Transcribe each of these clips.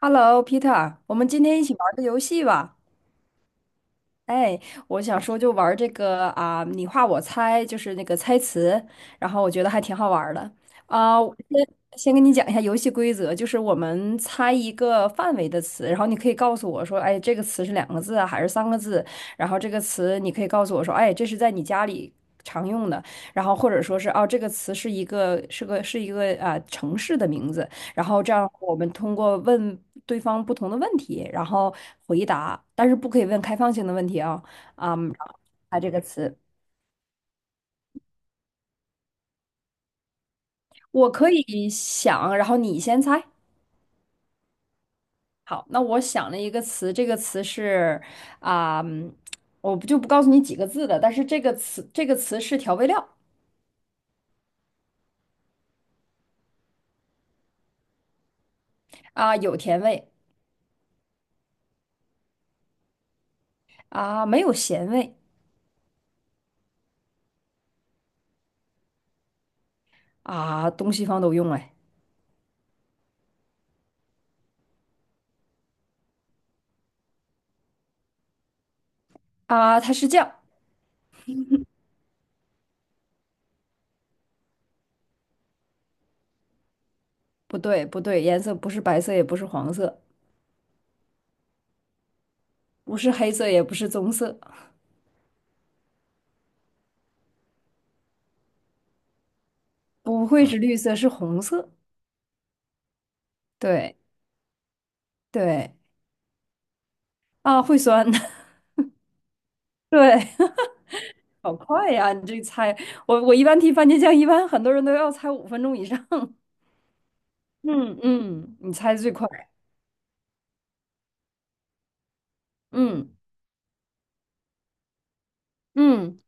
Hello,Peter,我们今天一起玩个游戏吧。哎，我想说就玩这个啊，你画我猜，就是那个猜词，然后我觉得还挺好玩儿的。啊，我先跟你讲一下游戏规则，就是我们猜一个范围的词，然后你可以告诉我说，哎，这个词是两个字啊，还是三个字？然后这个词你可以告诉我说，哎，这是在你家里常用的，然后或者说是哦，这个词是一个是个是一个啊城市的名字。然后这样我们通过问对方不同的问题，然后回答，但是不可以问开放性的问题啊。然后猜这个词，我可以想，然后你先猜。好，那我想了一个词，这个词是啊、嗯我不就不告诉你几个字的，但是这个词是调味料。有甜味。没有咸味。东西方都用哎。它是酱，不对不对，颜色不是白色也不是黄色，不是黑色也不是棕色。不是绿色，是红色。对对。啊，会酸。对，好快呀！你这猜，我一般提番茄酱，一般很多人都要猜5分钟以上。嗯嗯，你猜最快。嗯嗯，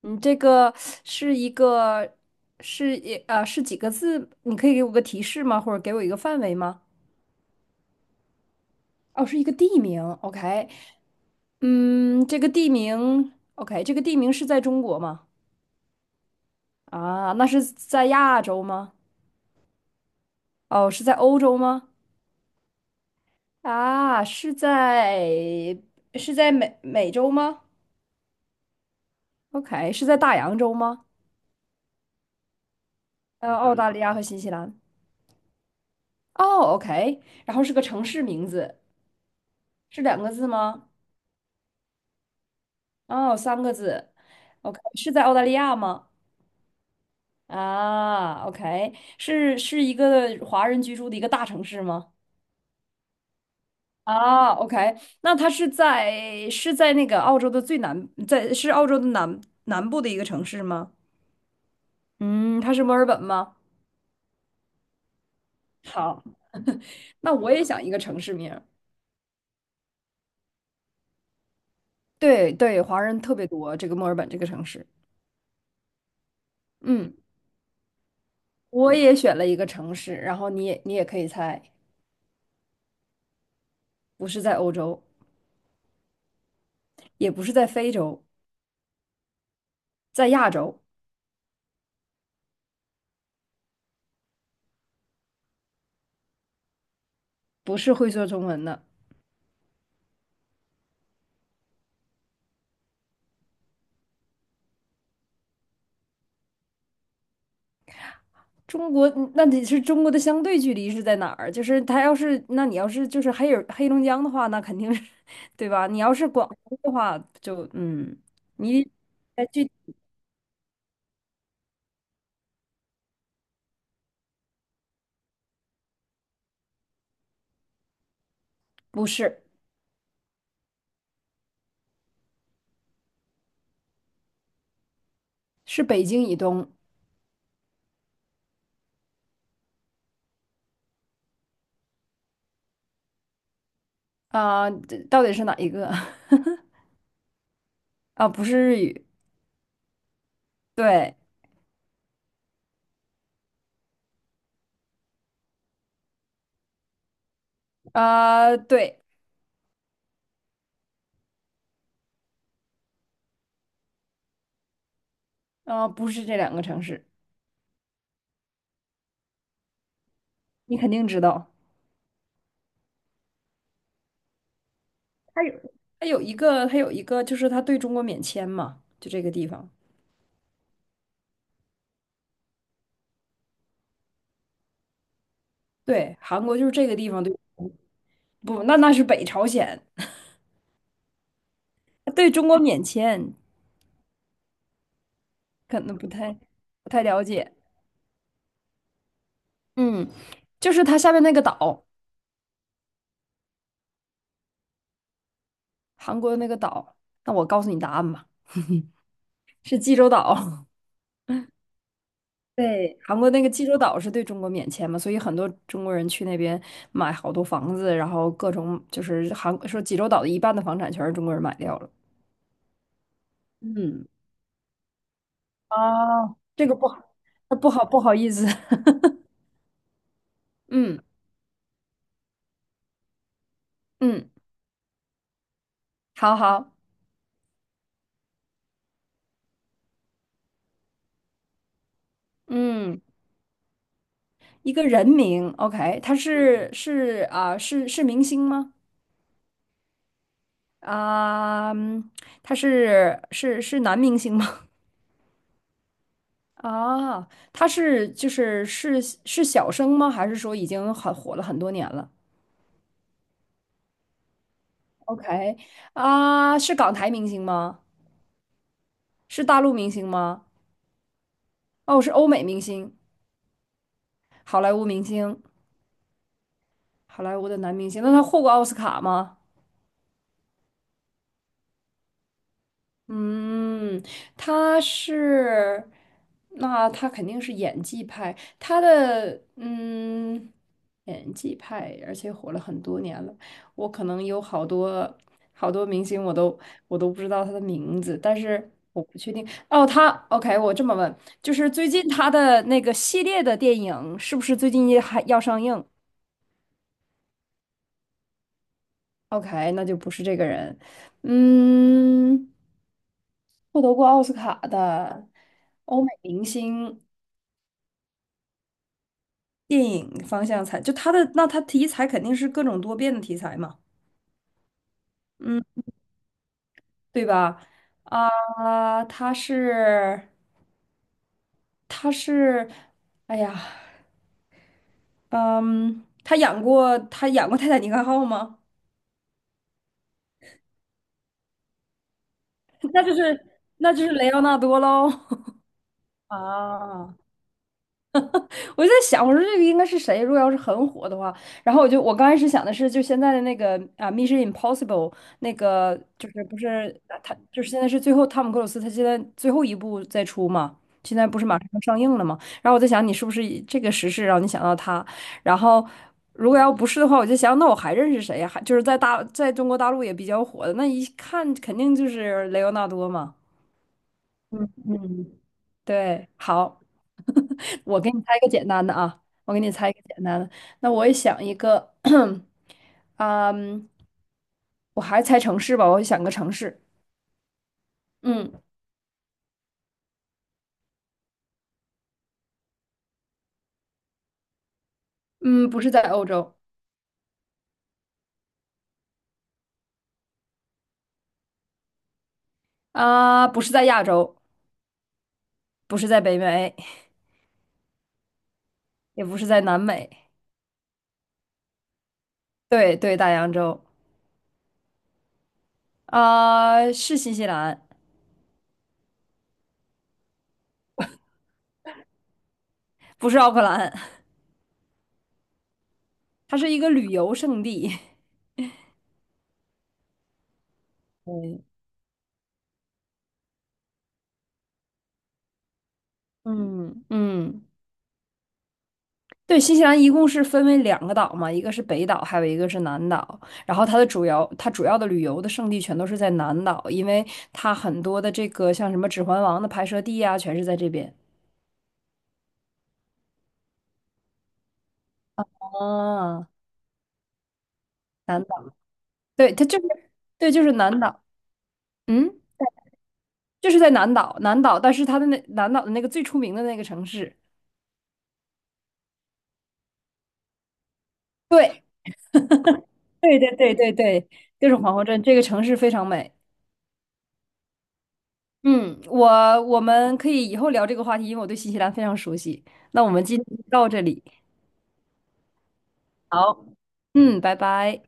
你这个是一个是一呃是几个字？你可以给我个提示吗？或者给我一个范围吗？哦，是一个地名。OK,嗯，这个地名，OK,这个地名是在中国吗？啊，那是在亚洲吗？哦，是在欧洲吗？啊，是在是在美洲吗？OK,是在大洋洲吗？呃，澳大利亚和新西兰。哦，OK,然后是个城市名字，是两个字吗？哦，三个字。OK,是在澳大利亚吗？啊，OK,是一个华人居住的一个大城市吗？啊，OK,那它是在是在那个澳洲的最南，在是澳洲的南部的一个城市吗？嗯，它是墨尔本吗？好，那我也想一个城市名儿。对对，华人特别多，这个墨尔本这个城市。嗯，我也选了一个城市，然后你也可以猜。不是在欧洲，也不是在非洲，在亚洲，不是会说中文的。中国，那得是中国的相对距离是在哪儿？就是它要是，那你要是就是黑龙江的话，那肯定是，对吧？你要是广东的话，你哎，这不是，是北京以东。啊，这到底是哪一个？啊，不是日语。对。啊，对。啊，不是这两个城市，你肯定知道。它有，它有一个，就是它对中国免签嘛，就这个地方。对，韩国就是这个地方对，不，那那是北朝鲜，它对中国免签，可能不太了解。嗯，就是它下面那个岛，韩国的那个岛。那我告诉你答案吧，是济州岛。对，韩国那个济州岛是对中国免签嘛，所以很多中国人去那边买好多房子，然后各种就是韩说济州岛的一半的房产全是中国人买掉了。嗯。啊，这个不好，不好意思。嗯嗯，好好。嗯，一个人名，OK,他是明星吗？啊、嗯他是男明星吗？啊，他是是小生吗？还是说已经很火了很多年了？OK,啊，是港台明星吗？是大陆明星吗？哦，是欧美明星，好莱坞明星，好莱坞的男明星。那他获过奥斯卡吗？嗯，他是，那他肯定是演技派，他的嗯，演技派，而且火了很多年了。我可能有好多明星，我都不知道他的名字，但是我不确定。哦，他 OK,我这么问，就是最近他的那个系列的电影是不是最近也还要上映？OK,那就不是这个人。嗯，获得过奥斯卡的欧美明星。电影方向才，就他的，那他题材肯定是各种多变的题材嘛，嗯，对吧？啊、他是，他是，哎呀，嗯，他演过，他演过《泰坦尼克号》吗？那就是，雷奥纳多喽。啊。我就在想，我说这个应该是谁？如果要是很火的话，然后我刚开始想的是，就现在的那个啊，《Mission Impossible》那个就是不是啊他就是现在是最后汤姆克鲁斯他现在最后一部在出嘛，现在不是马上要上映了嘛？然后我在想，你是不是以这个时事让你想到他？然后如果要不是的话，我就想，那我还认识谁呀？还就是在中国大陆也比较火的，那一看肯定就是雷欧纳多嘛。嗯嗯，对，好。我给你猜一个简单的啊，我给你猜一个简单的。那我也想一个，嗯，我还猜城市吧，我想个城市。嗯嗯，不是在欧洲。啊，不是在亚洲，不是在北美，也不是在南美，对对，大洋洲。啊，是新西兰，不是奥克兰。它是一个旅游胜地。嗯，嗯嗯，对，新西兰一共是分为2个岛嘛，一个是北岛，还有一个是南岛。然后它的主要，它主要的旅游的胜地全都是在南岛，因为它很多的这个像什么《指环王》的拍摄地啊，全是在这边。啊。南岛，对，它就是，对，就是南岛，嗯，就是在南岛，南岛，但是它的那南岛的那个最出名的那个城市，对，对对对对对，就是皇后镇，这个城市非常美。嗯，我我们可以以后聊这个话题，因为我对新西兰非常熟悉。那我们今天就到这里。好，嗯，拜拜。